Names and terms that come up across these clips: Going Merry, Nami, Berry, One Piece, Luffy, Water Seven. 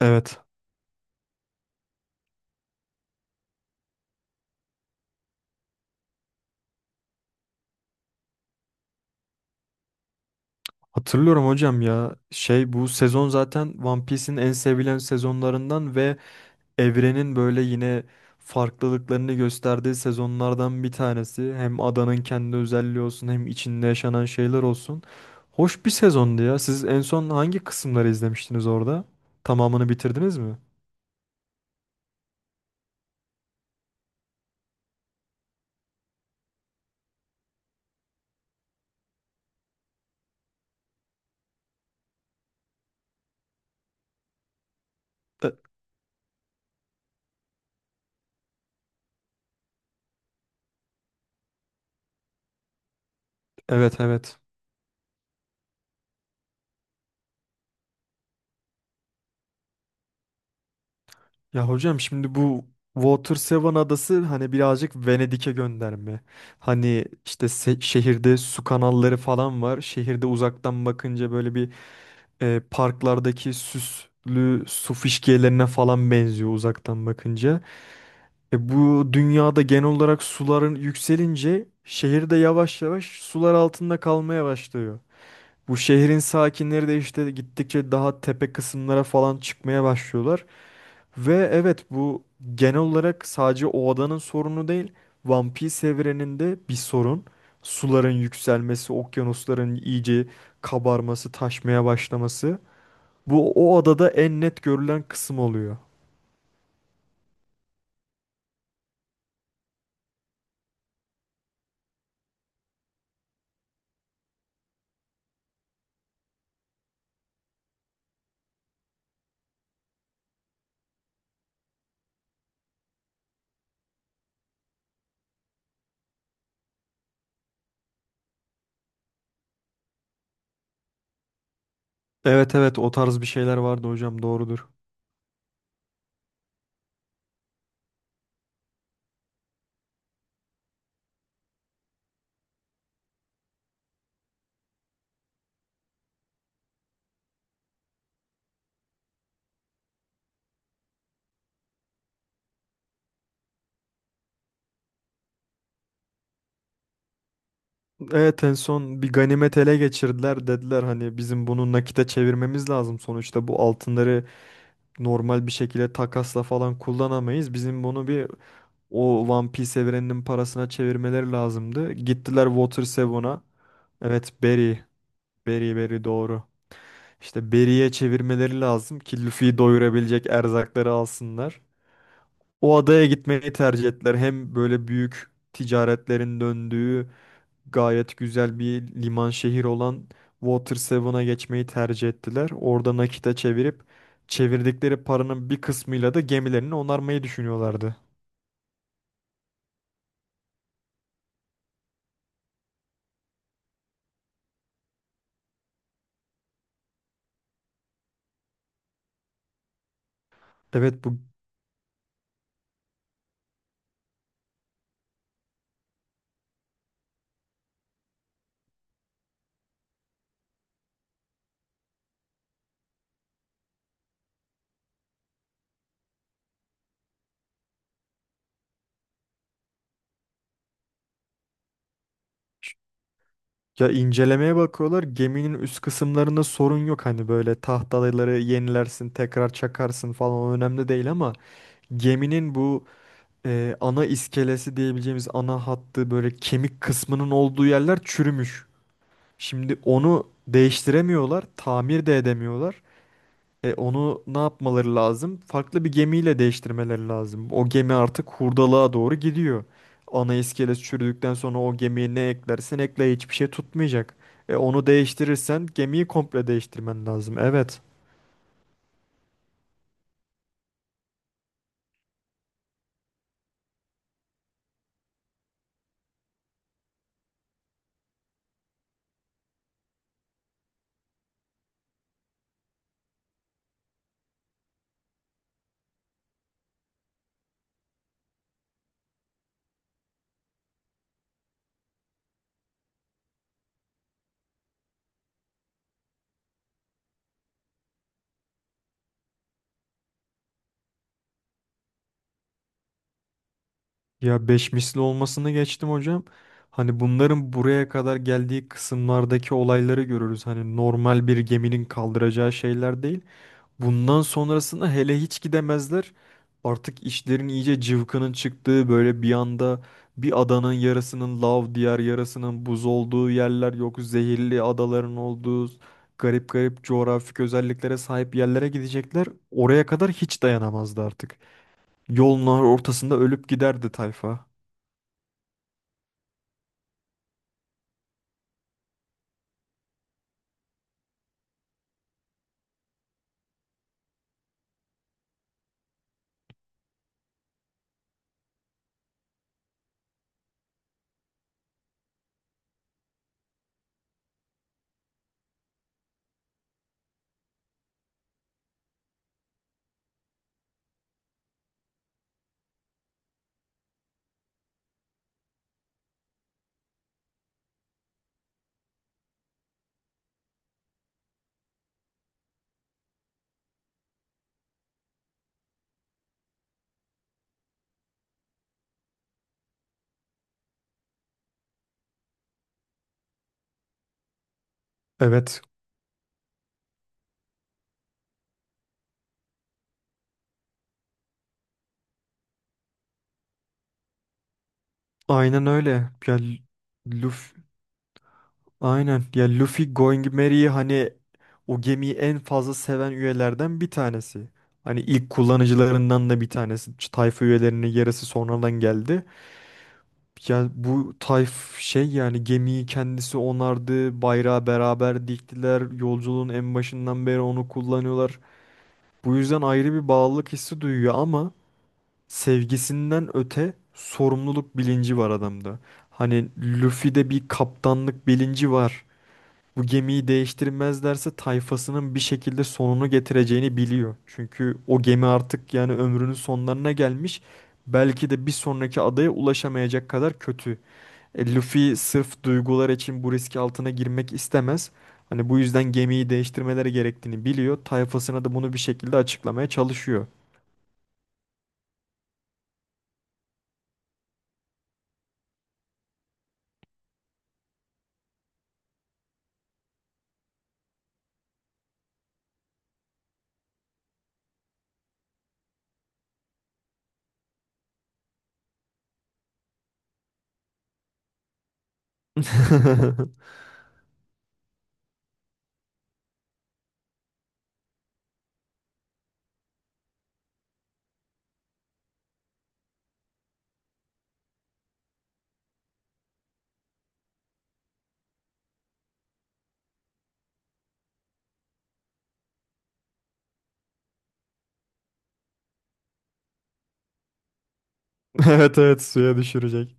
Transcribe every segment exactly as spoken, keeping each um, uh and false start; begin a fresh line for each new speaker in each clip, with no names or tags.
Evet. Hatırlıyorum hocam ya. Şey bu sezon zaten One Piece'in en sevilen sezonlarından ve evrenin böyle yine farklılıklarını gösterdiği sezonlardan bir tanesi. Hem adanın kendi özelliği olsun hem içinde yaşanan şeyler olsun. Hoş bir sezondu ya. Siz en son hangi kısımları izlemiştiniz orada? Tamamını bitirdiniz mi? E- Evet, evet. Ya hocam, şimdi bu Water Seven adası hani birazcık Venedik'e gönderme. Hani işte se- şehirde su kanalları falan var. Şehirde uzaktan bakınca böyle bir, e, parklardaki süslü su fişkiyelerine falan benziyor uzaktan bakınca. E, bu dünyada genel olarak suların yükselince şehirde yavaş yavaş sular altında kalmaya başlıyor. Bu şehrin sakinleri de işte gittikçe daha tepe kısımlara falan çıkmaya başlıyorlar. Ve evet, bu genel olarak sadece o adanın sorunu değil. One Piece evreninde bir sorun. Suların yükselmesi, okyanusların iyice kabarması, taşmaya başlaması. Bu o adada en net görülen kısım oluyor. Evet, evet, o tarz bir şeyler vardı hocam, doğrudur. Evet, en son bir ganimet ele geçirdiler, dediler hani bizim bunu nakite çevirmemiz lazım, sonuçta bu altınları normal bir şekilde takasla falan kullanamayız. Bizim bunu bir, o One Piece evreninin parasına çevirmeleri lazımdı. Gittiler Water Seven'a. Evet, Berry. Berry, Berry, doğru. İşte Berry'e çevirmeleri lazım ki Luffy'yi doyurabilecek erzakları alsınlar. O adaya gitmeyi tercih ettiler. Hem böyle büyük ticaretlerin döndüğü gayet güzel bir liman şehir olan Water Seven'a geçmeyi tercih ettiler. Orada nakite çevirip çevirdikleri paranın bir kısmıyla da gemilerini onarmayı düşünüyorlardı. Evet, bu, ya incelemeye bakıyorlar. Geminin üst kısımlarında sorun yok. Hani böyle tahtaları yenilersin, tekrar çakarsın falan, o önemli değil ama geminin bu, e, ana iskelesi diyebileceğimiz ana hattı, böyle kemik kısmının olduğu yerler çürümüş. Şimdi onu değiştiremiyorlar, tamir de edemiyorlar. E onu ne yapmaları lazım? Farklı bir gemiyle değiştirmeleri lazım. O gemi artık hurdalığa doğru gidiyor. Ana iskelet çürüdükten sonra o gemiye ne eklersen ekle hiçbir şey tutmayacak. E onu değiştirirsen gemiyi komple değiştirmen lazım. Evet. Ya beş misli olmasını geçtim hocam. Hani bunların buraya kadar geldiği kısımlardaki olayları görürüz. Hani normal bir geminin kaldıracağı şeyler değil. Bundan sonrasında hele hiç gidemezler. Artık işlerin iyice cıvkının çıktığı böyle bir anda bir adanın yarısının lav diğer yarısının buz olduğu yerler yok. Zehirli adaların olduğu garip garip coğrafik özelliklere sahip yerlere gidecekler. Oraya kadar hiç dayanamazdı artık. Yolun ortasında ölüp giderdi tayfa. Evet, aynen öyle. Yani, aynen. Ya Luffy Going Merry'i hani o gemiyi en fazla seven üyelerden bir tanesi. Hani ilk kullanıcılarından da bir tanesi. Ç- Tayfa üyelerinin yarısı sonradan geldi. Ya bu tayf, şey yani gemiyi kendisi onardı. Bayrağı beraber diktiler. Yolculuğun en başından beri onu kullanıyorlar. Bu yüzden ayrı bir bağlılık hissi duyuyor ama sevgisinden öte sorumluluk bilinci var adamda. Hani Luffy'de bir kaptanlık bilinci var. Bu gemiyi değiştirmezlerse tayfasının bir şekilde sonunu getireceğini biliyor. Çünkü o gemi artık yani ömrünün sonlarına gelmiş. Belki de bir sonraki adaya ulaşamayacak kadar kötü. E, Luffy sırf duygular için bu riski altına girmek istemez. Hani bu yüzden gemiyi değiştirmeleri gerektiğini biliyor. Tayfasına da bunu bir şekilde açıklamaya çalışıyor. Evet, evet, suya düşürecek.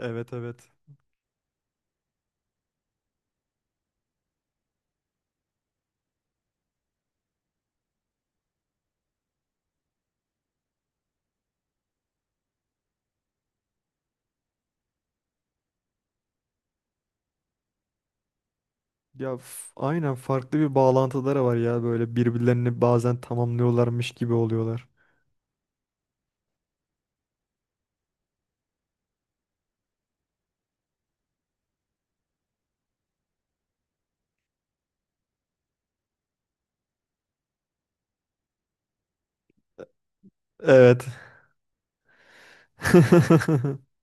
Evet, evet. Ya f- aynen, farklı bir bağlantıları var ya, böyle birbirlerini bazen tamamlıyorlarmış gibi oluyorlar. Evet.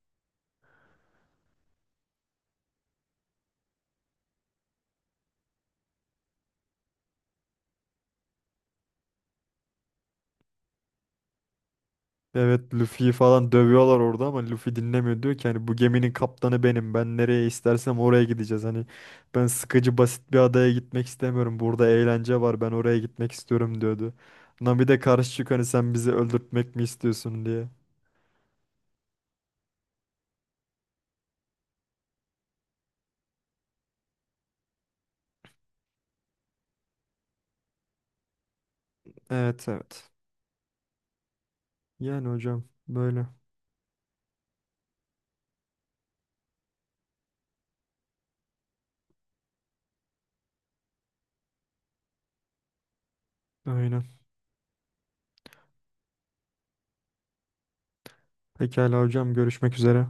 Evet, Luffy'yi falan dövüyorlar orada ama Luffy dinlemiyor, diyor ki hani bu geminin kaptanı benim, ben nereye istersem oraya gideceğiz, hani ben sıkıcı basit bir adaya gitmek istemiyorum, burada eğlence var, ben oraya gitmek istiyorum diyordu. Nami de karşı çıkıyor hani sen bizi öldürtmek mi istiyorsun diye. Evet, evet. Yani hocam böyle, aynen. pekala hocam, görüşmek üzere.